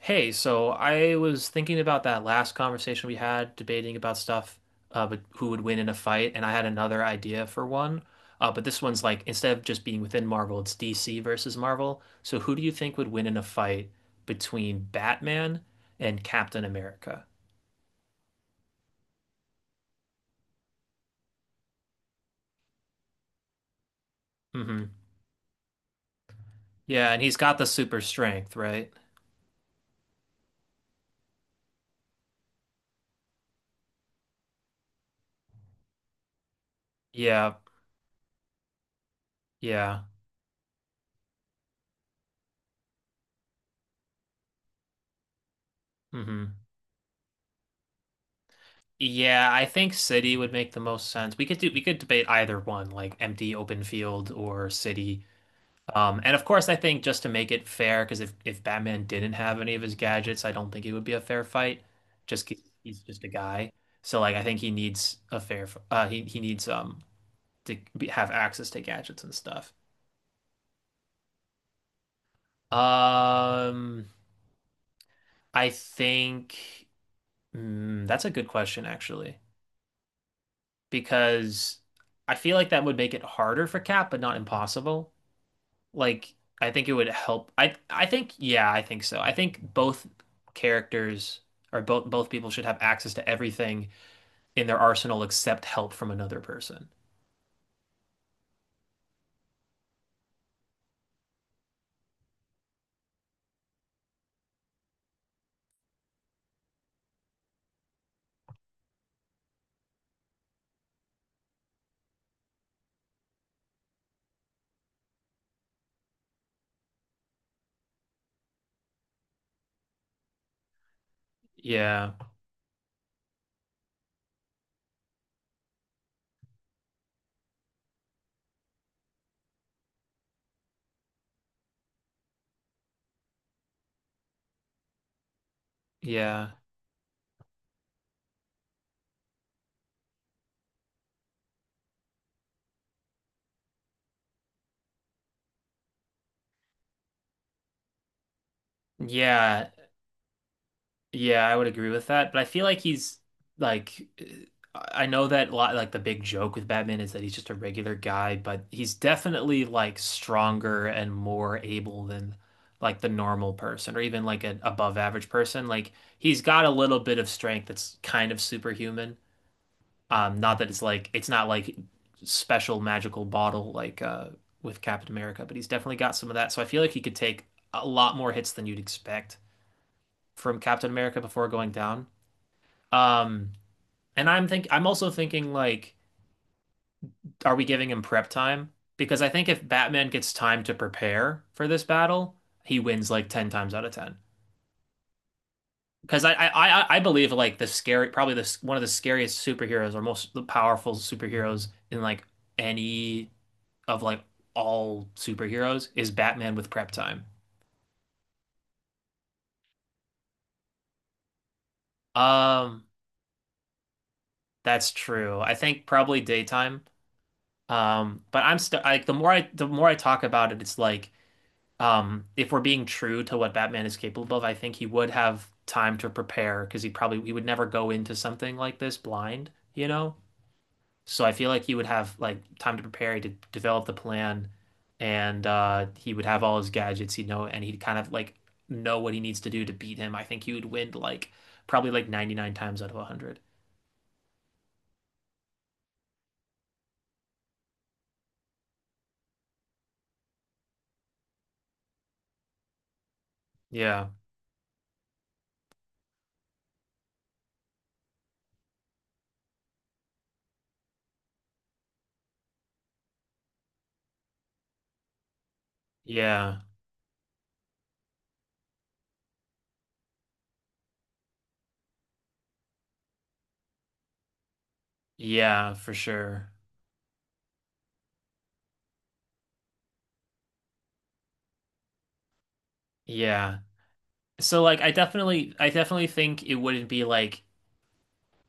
Hey, so I was thinking about that last conversation we had, debating about stuff, but who would win in a fight, and I had another idea for one. But this one's like instead of just being within Marvel, it's DC versus Marvel. So who do you think would win in a fight between Batman and Captain America? Hmm. Yeah, and he's got the super strength, right? Yeah, yeah. Hmm. Yeah, I think City would make the most sense. We could debate either one, like empty open field or City. And of course, I think just to make it fair, because if Batman didn't have any of his gadgets, I don't think it would be a fair fight. Just 'cause he's just a guy, so like I think he needs a He he needs to have access to gadgets and stuff. Um, I think that's a good question actually, because I feel like that would make it harder for Cap, but not impossible. Like I think it would help. I think yeah, I think so. I think both characters or both both people should have access to everything in their arsenal except help from another person. Yeah. Yeah. Yeah. Yeah, I would agree with that, but I feel like he's like I know that a lot like the big joke with Batman is that he's just a regular guy, but he's definitely like stronger and more able than like the normal person or even like an above average person. Like he's got a little bit of strength that's kind of superhuman. Not that it's like it's not like special magical bottle like with Captain America, but he's definitely got some of that. So I feel like he could take a lot more hits than you'd expect from Captain America before going down. Um, and I'm also thinking like, are we giving him prep time? Because I think if Batman gets time to prepare for this battle, he wins like 10 times out of 10. Because I I believe like the scary probably the one of the scariest superheroes or most powerful superheroes in like any of like all superheroes is Batman with prep time. Um, that's true. I think probably daytime. But I'm still like the more I talk about it, it's like if we're being true to what Batman is capable of, I think he would have time to prepare because he would never go into something like this blind, you know? So I feel like he would have like time to prepare, he would develop the plan, and he would have all his gadgets, he'd know, and he'd kind of like know what he needs to do to beat him. I think he would win like probably like 99 times out of 100. Yeah. Yeah. Yeah, for sure. Yeah. So like I definitely think it wouldn't be like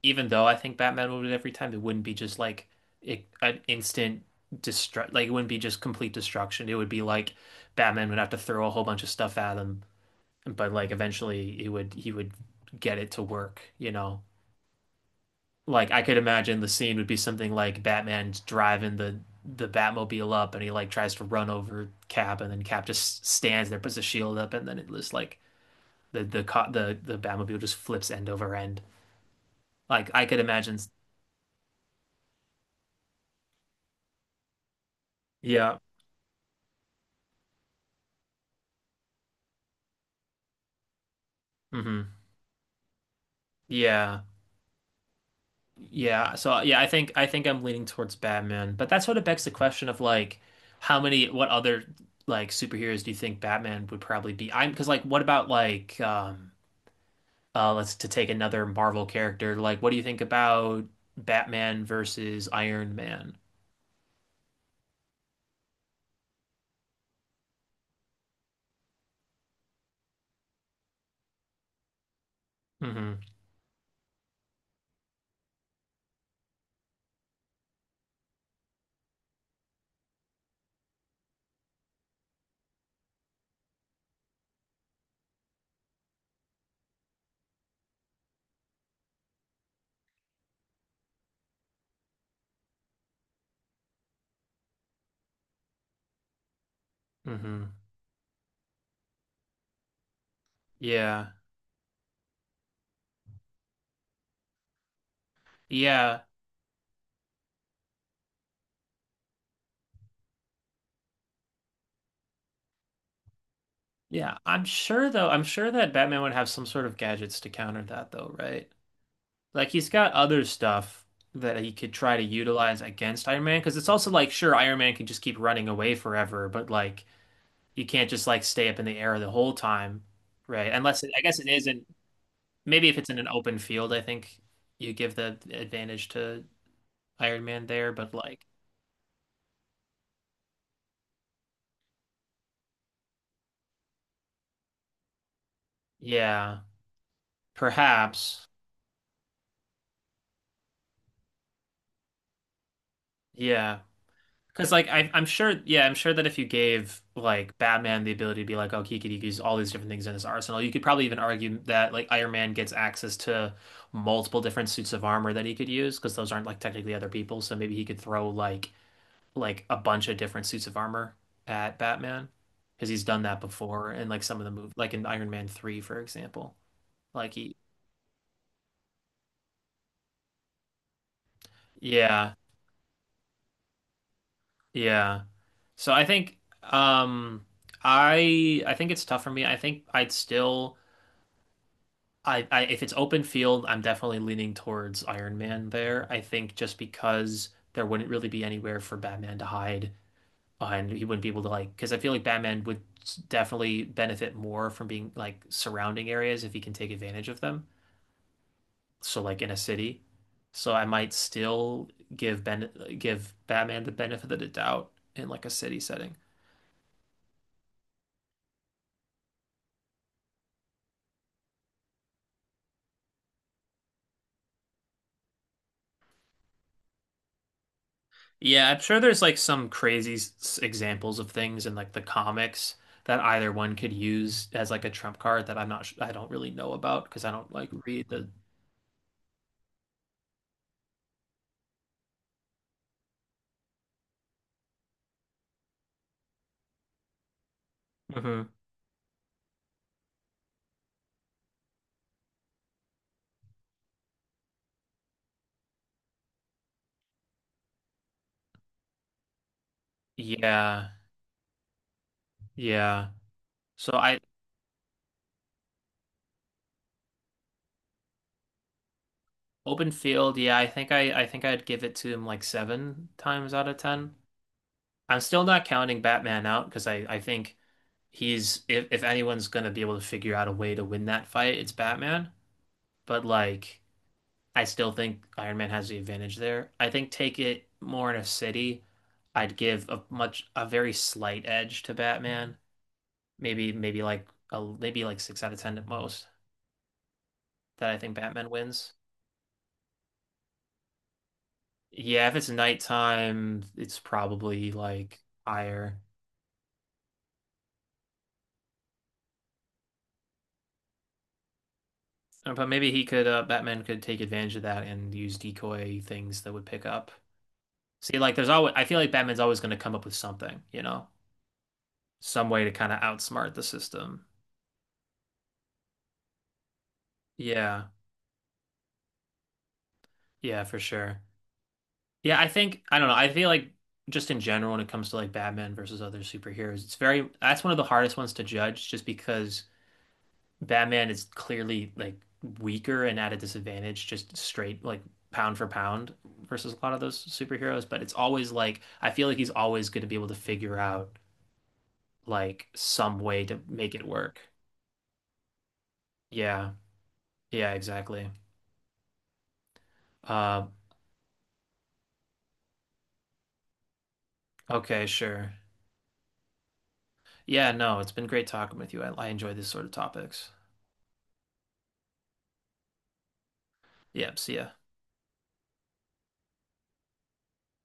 even though I think Batman would every time, it wouldn't be just like it, an instant destruct. Like it wouldn't be just complete destruction. It would be like Batman would have to throw a whole bunch of stuff at him, but like eventually he would get it to work. You know, like I could imagine the scene would be something like Batman's driving the Batmobile up, and he like tries to run over Cap, and then Cap just stands there, puts a shield up, and then it just like the the the Batmobile just flips end over end. Like I could imagine, yeah. Hmm. Yeah. Yeah. So yeah, I think I'm leaning towards Batman, but that sort of begs the question of like how many what other like superheroes do you think Batman would probably be? I'm because like what about like let's to take another Marvel character, like what do you think about Batman versus Iron Man? Mm-hmm. Mm-hmm. Yeah. Yeah. Yeah. I'm sure that Batman would have some sort of gadgets to counter that though, right? Like he's got other stuff that he could try to utilize against Iron Man, because it's also like sure Iron Man can just keep running away forever, but like you can't just like stay up in the air the whole time, right? Unless it, I guess it isn't. Maybe if it's in an open field, I think you give the advantage to Iron Man there, but like yeah, perhaps yeah. Because like I'm sure, yeah, I'm sure that if you gave like Batman the ability to be like, oh, he could use all these different things in his arsenal, you could probably even argue that like Iron Man gets access to multiple different suits of armor that he could use because those aren't like technically other people. So maybe he could throw like a bunch of different suits of armor at Batman because he's done that before in like some of the movies, like in Iron Man 3, for example. Like he, yeah, yeah. So I think, um, I think it's tough for me. I think I'd still. I if it's open field, I'm definitely leaning towards Iron Man there. I think just because there wouldn't really be anywhere for Batman to hide, and he wouldn't be able to like, because I feel like Batman would definitely benefit more from being like surrounding areas if he can take advantage of them. So like in a city. So I might still give Ben give Batman the benefit of the doubt in like a city setting. Yeah, I'm sure there's like some crazy examples of things in like the comics that either one could use as like a trump card that I'm not, sh- I don't really know about because I don't like read the. Mhm. Yeah, yeah. So I open field. Yeah, I think I'd give it to him like seven times out of ten. I'm still not counting Batman out because I think he's if anyone's gonna be able to figure out a way to win that fight, it's Batman. But like. I still think Iron Man has the advantage there. I think take it more in a city, I'd give a very slight edge to Batman. Maybe like six out of ten at most that I think Batman wins. Yeah, if it's nighttime, it's probably like higher. But maybe he could Batman could take advantage of that and use decoy things that would pick up. See, like there's always I feel like Batman's always going to come up with something, you know, some way to kind of outsmart the system. Yeah. Yeah, for sure. Yeah, I think I don't know. I feel like just in general when it comes to like Batman versus other superheroes, it's very that's one of the hardest ones to judge just because Batman is clearly like weaker and at a disadvantage just straight like pound for pound versus a lot of those superheroes, but it's always like I feel like he's always going to be able to figure out like some way to make it work. Yeah. Yeah, exactly. Uh, okay, sure. Yeah, no, it's been great talking with you. I enjoy these sort of topics. Yeah, see ya.